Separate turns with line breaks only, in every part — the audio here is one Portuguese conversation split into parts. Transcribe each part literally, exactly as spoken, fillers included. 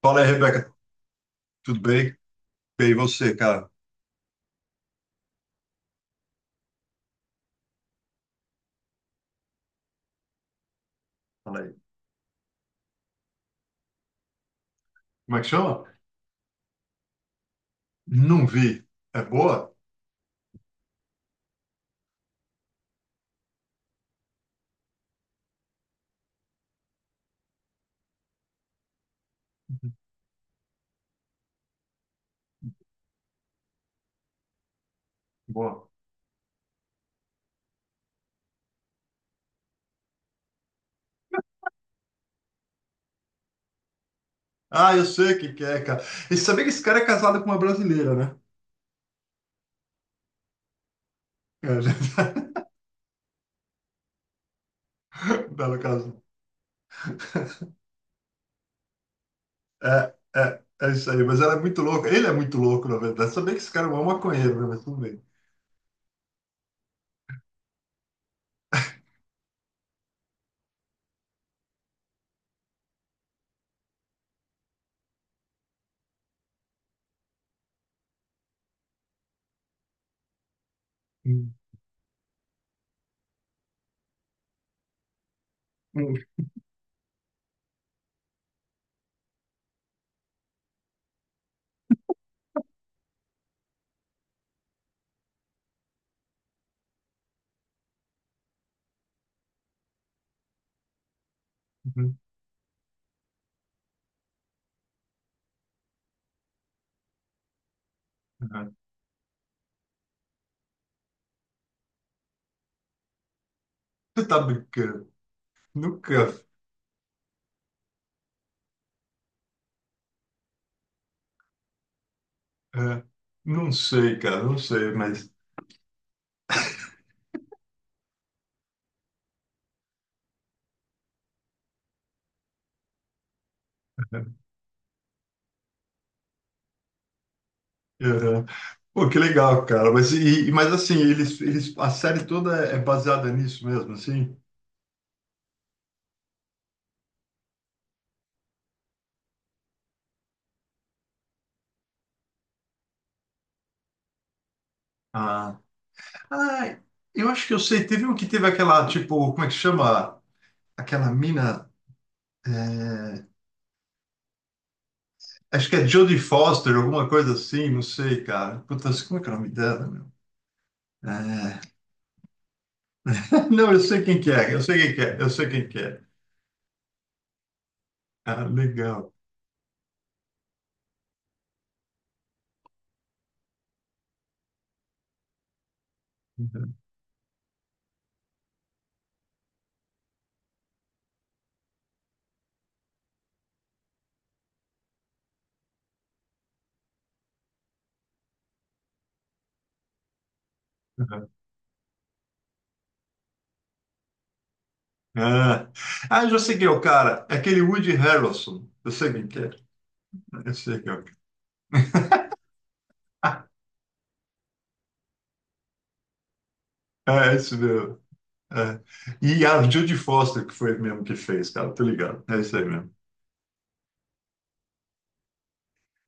Fala aí, Rebeca, tudo bem? Bem, e você, cara? Fala aí. Como é que chama? Não vi. É boa? Boa. Ah, eu sei o que que é, cara. E sabia que esse cara é casado com uma brasileira, né? É, já Belo caso. É, é, é isso aí, mas ela é muito louca. Ele é muito louco, na verdade. Sabia que esse cara é um maconheiro, né? Mas tudo bem. Hum, hum, hum. Ah, Você tá brincando? Nunca. é, não sei, cara, não sei, mas. é, Pô, que legal, cara. Mas, e, e- mas assim, eles, eles, a série toda é é baseada nisso mesmo, assim? Ah, ah, eu acho que eu sei. Teve um que teve aquela, tipo, como é que chama? Aquela mina. é, Acho que é Jodie Foster, alguma coisa assim, não sei, cara. Putz, como é que é o nome dela, meu? É, Não, eu sei quem que é, eu sei quem que é, eu sei quem que é. Ah, legal. Ah, ah, eu já sei quem é o cara. É aquele Woody Harrelson. Eu sei quem que é. Eu sei quem é o cara. É, esse mesmo. É. E a Judy Foster, que foi mesmo que fez, cara, tô ligado. É isso aí mesmo.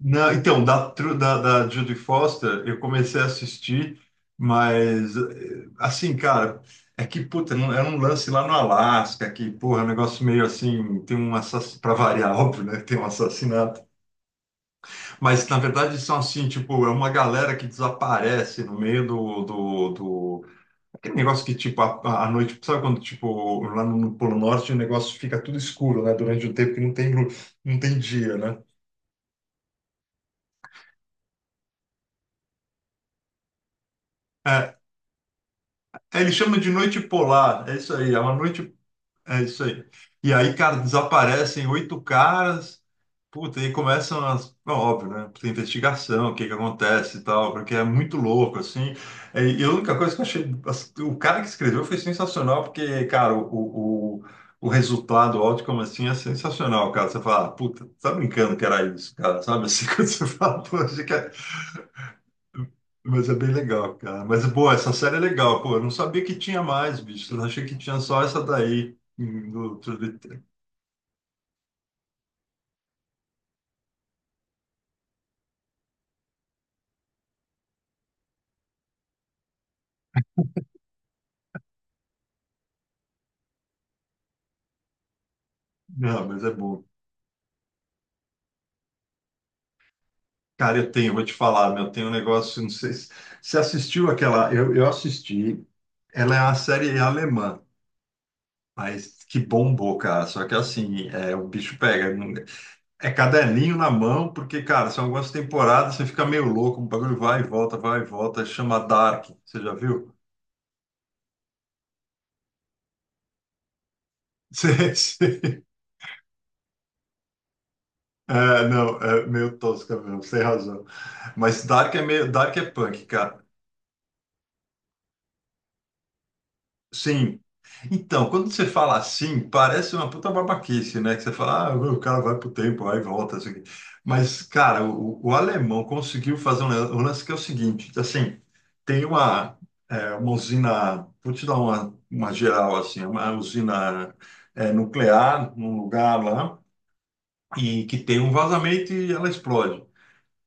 Não, então, da, tru- da, da Judy Foster, eu comecei a assistir, mas, eh, assim, cara, é que, puta, não- era um lance lá no Alasca, que, porra, é um negócio meio assim, tem um assassinato, pra variar, óbvio, né, tem um assassinato. Mas, na verdade, são assim, tipo, é uma galera que desaparece no meio do, do, do Aquele negócio que, tipo, à à noite, sabe quando, tipo, lá no, no Polo Norte o negócio fica tudo escuro, né? Durante um tempo que não tem, lu- não tem dia, né? É, ele chama de noite polar, é isso aí, é uma noite É isso aí. E aí, cara, desaparecem oito caras. Puta, e começam as. Bom, óbvio, né? Tem investigação, o que que acontece e tal, porque é muito louco, assim. É, e a única coisa que eu achei. as- O cara que escreveu foi sensacional, porque, cara, o, o, o o resultado, o outcome, assim, é sensacional, cara. Você fala, "Ah, puta, tá brincando que era isso, cara, sabe? Assim, quando você fala, poxa, mas é bem legal, cara. Mas, pô, essa série é legal, pô. Eu não sabia que tinha mais, bicho. Eu achei que tinha só essa daí. hum, do- do- Não, mas é bom. Cara, eu tenho, vou te falar, meu, tem um negócio, não sei se você assistiu aquela. Eu, eu assisti. Ela é uma série alemã, mas que bombou, cara. Só que assim, é, o bicho pega. não- É caderninho na mão, porque, cara, são algumas temporadas, você fica meio louco, o bagulho vai e volta, vai e volta. Chama Dark. Você já viu? É, não, é meio tosca mesmo, sem razão. Mas Dark é meio, Dark é punk, cara. Sim. Então, quando você fala assim, parece uma puta babaquice, né? Que você fala, ah, o cara vai pro tempo, vai e volta, assim. Mas, cara, o, o alemão conseguiu fazer um lan- um lance que é o seguinte, assim, tem uma, é, uma usina, vou te dar uma, uma geral, assim, uma usina, é, nuclear num lugar lá, e que tem um vazamento e ela explode.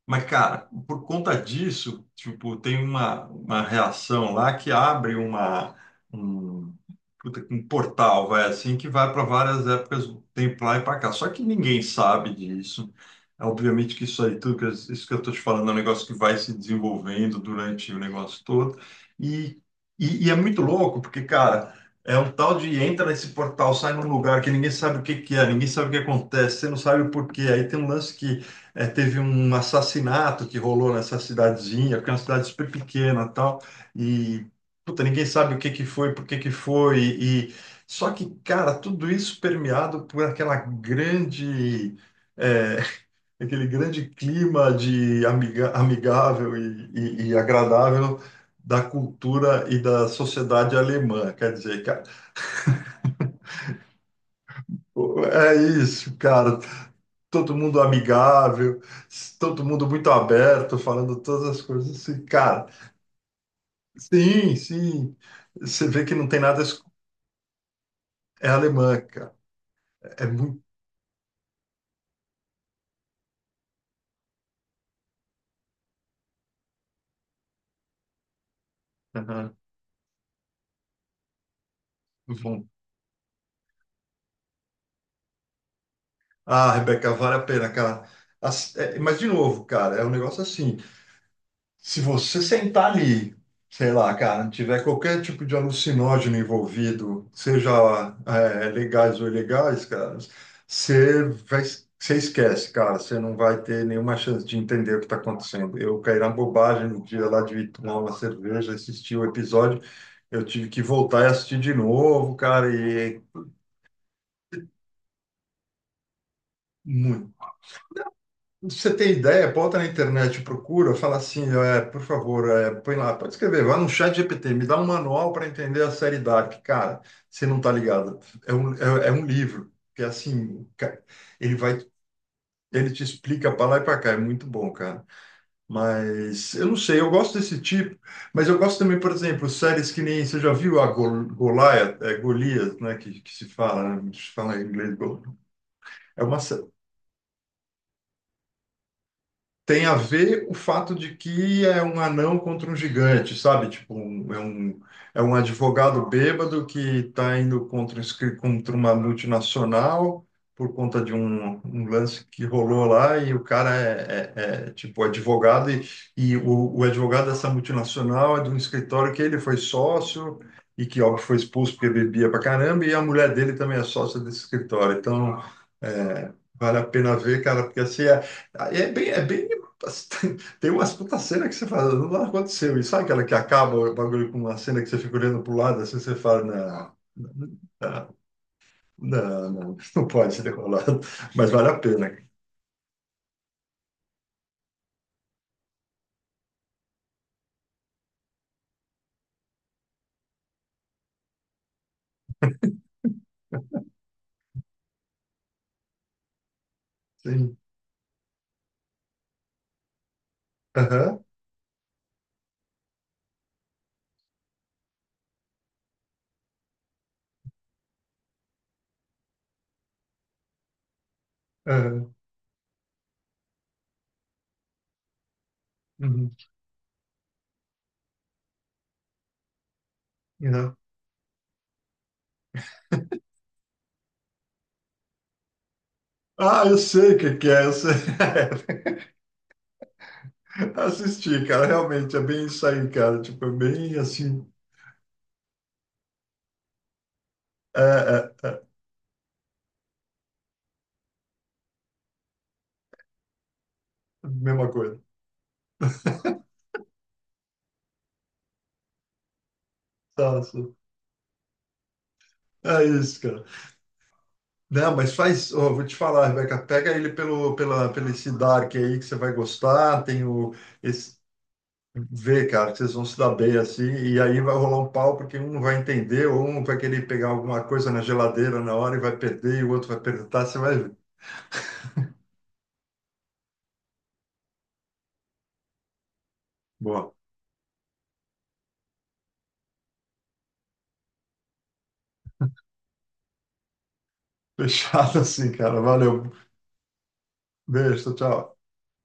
Mas, cara, por conta disso, tipo, tem uma, uma reação lá que abre uma, um, puta, um portal, vai assim, que vai para várias épocas do tempo lá e para cá. Só que ninguém sabe disso. É, obviamente que isso aí, tudo que, eu- isso que eu estou te falando é um negócio que vai se desenvolvendo durante o negócio todo. E, e, e é muito louco, porque, cara, é um tal de entra nesse portal, sai num lugar que ninguém sabe o que que é, ninguém sabe o que acontece, você não sabe o porquê. Aí tem um lance que é, teve um assassinato que rolou nessa cidadezinha, que é uma cidade super pequena e tal, e puta, ninguém sabe o que que foi, por que que foi, e e- só que, cara, tudo isso permeado por aquela grande, é, aquele grande clima de amiga, amigável e, e- e agradável da cultura e da sociedade alemã, quer dizer, cara, o- é isso, cara, todo mundo amigável, todo mundo muito aberto, falando todas as coisas assim, cara. Sim, sim. Você vê que não tem nada. es- É alemã, cara. É muito. Aham. Bom. Ah, Rebeca, vale a pena, cara. As- é, mas, de novo, cara, é um negócio assim. Se você sentar ali, sei lá, cara, tiver qualquer tipo de alucinógeno envolvido, seja é, legais ou ilegais, cara, você vai, você esquece, cara, você não vai ter nenhuma chance de entender o que está acontecendo. Eu caí na bobagem no dia lá de tomar uma cerveja, assistir o episódio, eu tive que voltar e assistir de novo, cara, e é muito Você tem ideia? Bota na internet, procura, fala assim, é, por favor, é, põe lá, pode escrever, vai no chat G P T, me dá um manual para entender a série Dark. Cara, você não tá ligado. É um, é, é um livro, que é assim, ca- ele vai, ele te explica para lá e para cá, é muito bom, cara. Mas eu não sei, eu gosto desse tipo, mas eu gosto também, por exemplo, séries que nem, você já viu a Gol, Goliath, é, Golias, né, que, que se fala, né, se fala em inglês, Gol- é uma, sé- tem a ver o fato de que é um anão contra um gigante, sabe? Tipo, um- é um, é um advogado bêbado que está indo contra, um escri- contra uma multinacional por conta de um, um lance que rolou lá e o cara é, é- é, tipo advogado e, e o, o advogado dessa multinacional é de um escritório que ele foi sócio e que, óbvio, foi expulso porque bebia pra caramba e a mulher dele também é sócia desse escritório. Então, é, vale a pena ver, cara, porque assim, é- é bem, é bem Tem umas puta cena que você fala, não aconteceu. E sabe aquela que acaba o bagulho com uma cena que você fica olhando pro lado, assim você fala, não, não, não, não, não pode ter rolado. Mas vale a pena. Sim. Aham, aham, uhum, uhum. Ah, eu sei o que que é. Eu sei. Assisti, cara. Realmente, é bem isso aí, cara. Tipo, é bem assim. É, é, é. Mesma coisa. Tá, sim. É isso, cara. Não, mas faz, ó, vou te falar, Rebeca, pega ele pelo, pela, pelo esse Dark aí que você vai gostar, tem o, esse, vê, cara, que vocês vão se dar bem assim, e aí vai rolar um pau porque um não vai entender, ou um vai querer pegar alguma coisa na geladeira na hora e vai perder, e o outro vai perguntar, você vai ver. Boa, fechado assim, cara, valeu, beijo, tchau.